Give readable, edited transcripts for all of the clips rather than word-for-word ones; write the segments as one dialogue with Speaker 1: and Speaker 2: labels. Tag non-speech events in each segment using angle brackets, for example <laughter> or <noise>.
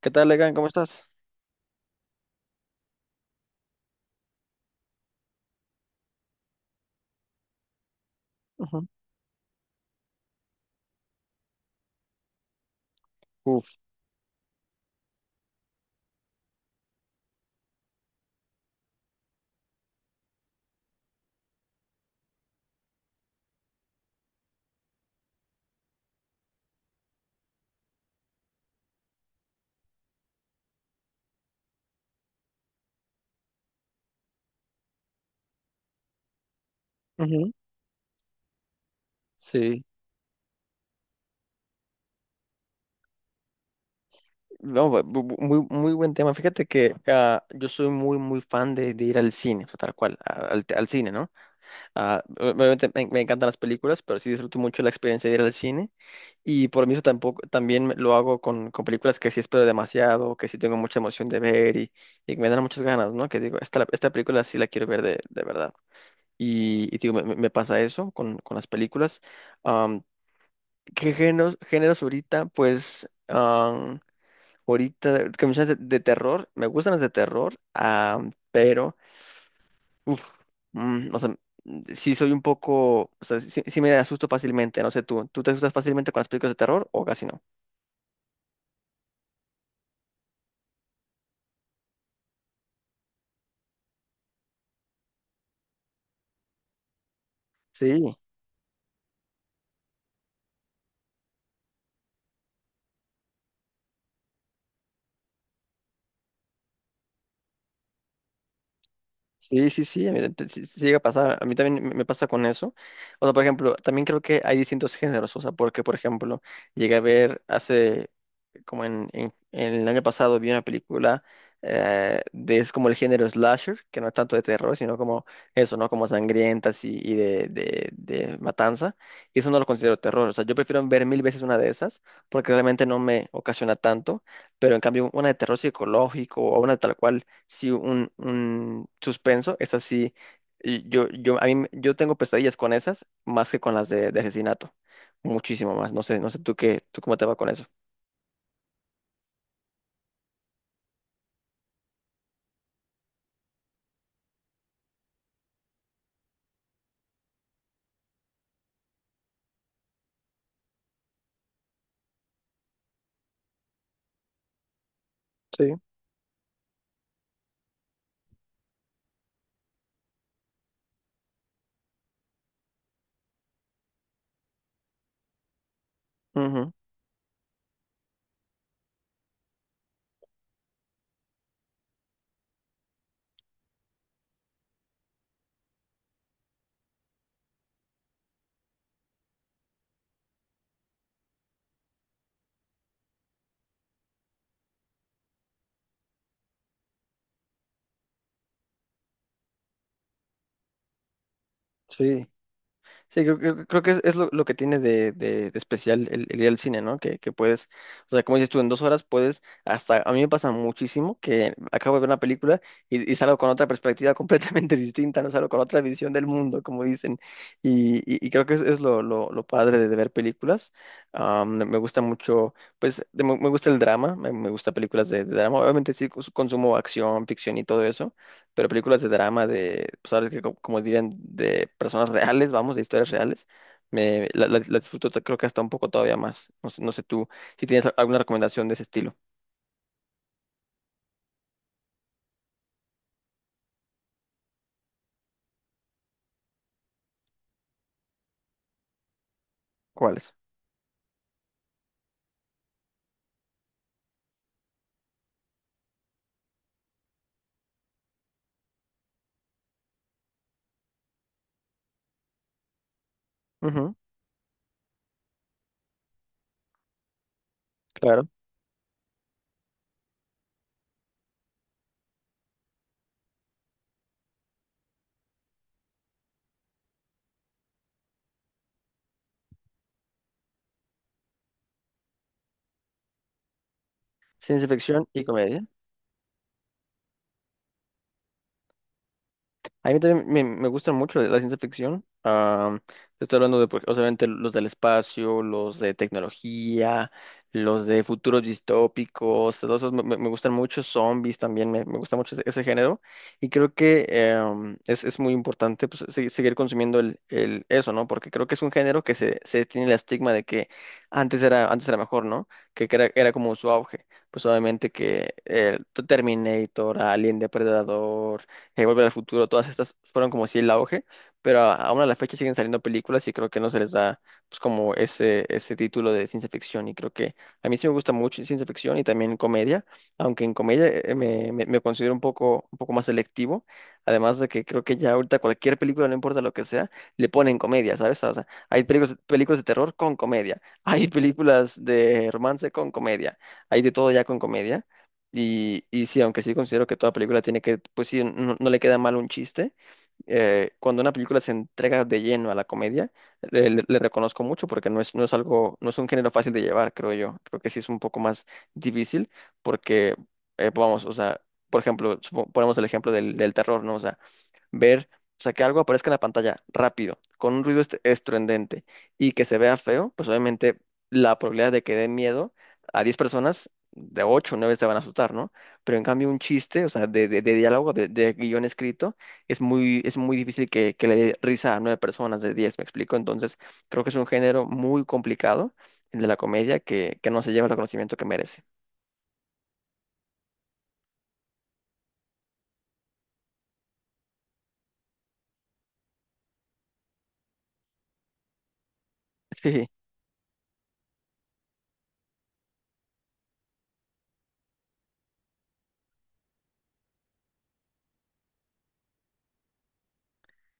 Speaker 1: ¿Qué tal, Legan? ¿Cómo estás? Ujú. Uf. Ujú. Sí. Vamos, muy, muy buen tema. Fíjate que yo soy muy, muy fan de ir al cine, o sea, tal cual, al cine, ¿no? Obviamente me encantan las películas, pero sí disfruto mucho la experiencia de ir al cine. Y por mí eso tampoco, también lo hago con películas que sí espero demasiado, que sí tengo mucha emoción de ver y que me dan muchas ganas, ¿no? Que digo, esta película sí la quiero ver de verdad. Y digo, me pasa eso con las películas. ¿Qué géneros ahorita? Pues ahorita que me dices de terror, me gustan los de terror, pero uf, o sea, sí soy un poco, o sea, sí, sí me asusto fácilmente, no sé tú, ¿tú te asustas fácilmente con las películas de terror o casi no? Sí, sí, sí, sí, a mí sí llega a pasar, a mí también me pasa con eso. O sea, por ejemplo, también creo que hay distintos géneros, o sea, porque por ejemplo, llegué a ver hace como en el año pasado vi una película de es como el género slasher, que no es tanto de terror, sino como eso, ¿no? Como sangrientas y de matanza. Y eso no lo considero terror. O sea, yo prefiero ver mil veces una de esas, porque realmente no me ocasiona tanto. Pero en cambio, una de terror psicológico o una tal cual, sí, un suspenso, es así. A mí, yo tengo pesadillas con esas más que con las de asesinato. Muchísimo más. No sé, no sé tú qué, tú cómo te va con eso. Sí. Ujú. Sí, sí, creo que es lo que tiene de especial el ir al cine, ¿no? Que puedes, o sea, como dices tú, en 2 horas puedes, hasta a mí me pasa muchísimo que acabo de ver una película y salgo con otra perspectiva <laughs> completamente distinta, ¿no? Salgo con otra visión del mundo, como dicen, y creo que es lo padre de ver películas. Me gusta mucho, pues, me gusta el drama, me gusta películas de drama, obviamente sí consumo acción, ficción y todo eso pero películas de drama, de, pues ahora sí que como, dirían, de personas reales, vamos, de historias reales, la disfruto creo que hasta un poco todavía más. No sé, no sé tú si tienes alguna recomendación de ese estilo. ¿Cuáles? Ujú, claro. Ciencia ficción y comedia. A mí también me gusta mucho la ciencia ficción. Te estoy hablando obviamente, los del espacio, los de tecnología, los de futuros distópicos, todos esos me gustan mucho. Zombies también, me gusta mucho ese género. Y creo que es muy importante pues, seguir consumiendo eso, ¿no? Porque creo que es un género que se tiene el estigma de que antes era mejor, ¿no? Que era como su auge. Pues obviamente que Terminator, Alien Depredador en Volver al Futuro, todas estas fueron como si el auge, pero aún a la fecha siguen saliendo películas y creo que no se les da pues como ese título de ciencia ficción y creo que a mí sí me gusta mucho ciencia ficción y también comedia, aunque en comedia me considero un poco más selectivo, además de que creo que ya ahorita cualquier película, no importa lo que sea, le ponen comedia, ¿sabes? O sea, hay películas, películas de terror con comedia, <laughs> hay películas de romance con comedia, hay de todo ya con comedia. Y sí, aunque sí considero que toda película tiene que, pues sí, no, no le queda mal un chiste, cuando una película se entrega de lleno a la comedia, le reconozco mucho porque no es algo, no es un género fácil de llevar, creo yo. Creo que sí es un poco más difícil porque, vamos, o sea, por ejemplo, ponemos el ejemplo del terror, ¿no? O sea, ver, o sea, que algo aparezca en la pantalla rápido, con un ruido estruendente y que se vea feo, pues obviamente la probabilidad de que dé miedo a 10 personas, de 8 o 9 se van a asustar, ¿no? Pero en cambio un chiste, o sea, de diálogo, de guión escrito, es muy difícil que le dé risa a 9 personas de 10, ¿me explico? Entonces, creo que es un género muy complicado, el de la comedia, que no se lleva el reconocimiento que merece. <laughs> Sí,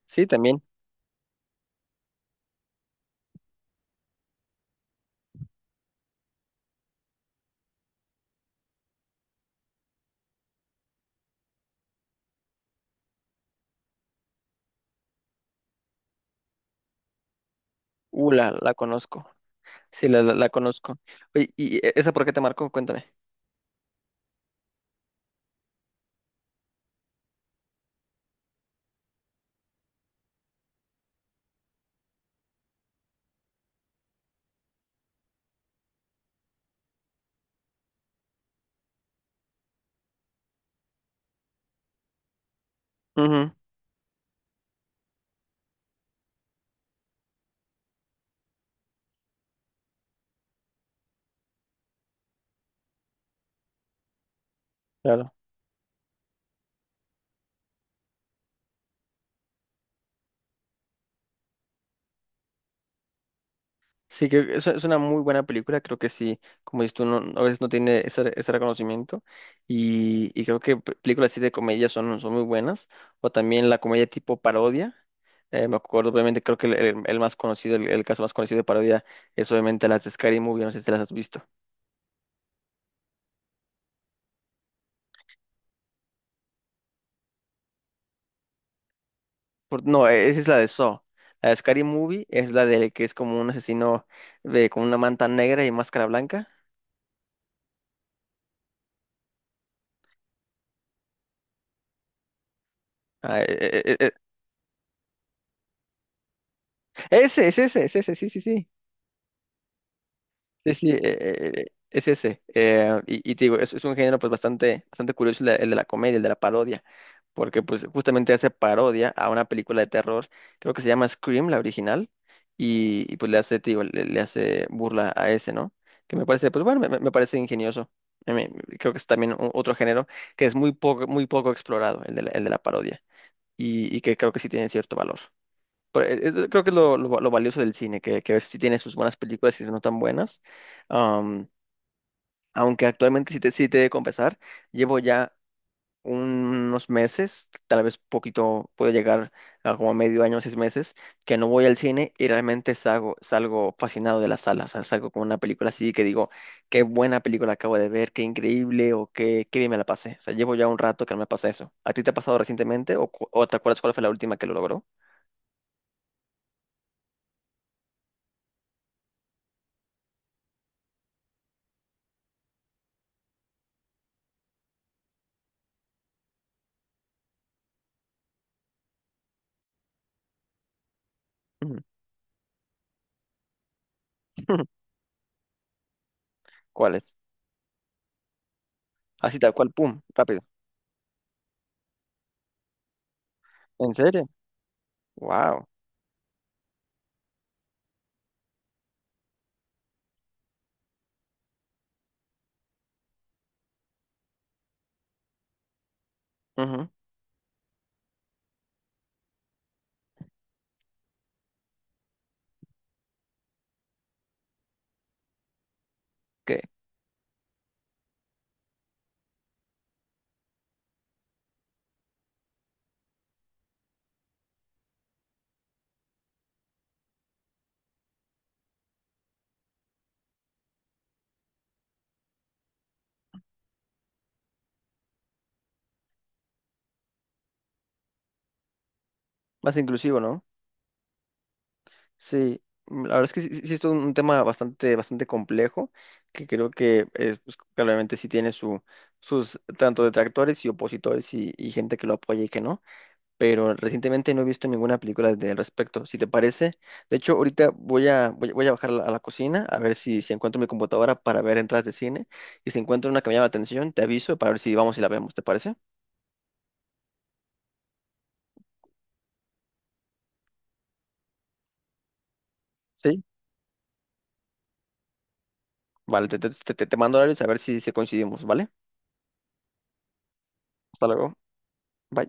Speaker 1: sí, también. La, la conozco. Sí, la conozco. Oye, ¿y esa por qué te marcó? Cuéntame. Ujú, claro. Sí, creo que es una muy buena película. Creo que sí, como dices tú, no, a veces no tiene ese, ese reconocimiento. Y creo que películas así de comedia son, son muy buenas. O también la comedia tipo parodia. Me acuerdo, obviamente, creo que el más conocido, el caso más conocido de parodia es obviamente las de Scary Movie. No sé si las has visto. Por, no, esa es la de Saw. La de Scary Movie es la del que es como un asesino de, con una manta negra y máscara blanca. Ah, e, e, e, Ese, es ese, es ese, sí, sí, sí. Sí, sí, es ese. Y te digo, es un género pues bastante curioso el de la comedia, el de la parodia, porque pues justamente hace parodia a una película de terror, creo que se llama Scream, la original, pues te digo, le hace burla a ese, ¿no? Que me parece, pues bueno, me parece ingenioso. A mí- Creo que es también otro género que es muy poco explorado, el de la parodia, y que creo que sí tiene cierto valor. Pero eso creo que es lo valioso del cine, que a veces sí tiene sus buenas películas y sus no tan buenas. Am, aunque actualmente sí te he de confesar, llevo ya unos meses, tal vez poquito, puede llegar a como medio año, 6 meses, que no voy al cine y realmente salgo, salgo fascinado de la sala. O sea, salgo con una película así que digo, qué buena película acabo de ver, qué increíble o qué, qué bien me la pasé. O sea, llevo ya un rato que no me pasa eso. ¿A ti te ha pasado recientemente o, o te acuerdas cuál fue la última que lo logró? Ujú. <laughs> ¿Cuál es? Así tal cual, pum, rápido. ¿En serio? Wow. Ujú. ¿Qué? Más inclusivo, ¿no? Sí, la verdad es que sí, sí es un tema bastante complejo, que creo que pues, claramente sí tiene sus tanto detractores y opositores y gente que lo apoya y que no, pero recientemente no he visto ninguna película al respecto, si te parece. De hecho, ahorita voy a bajar a la cocina a ver si encuentro mi computadora para ver entradas de cine y si encuentro una que me llama la atención, te aviso para ver si vamos y la vemos, ¿te parece? Sí. Vale, te mando horarios a ver si coincidimos, ¿vale? Hasta luego. Bye.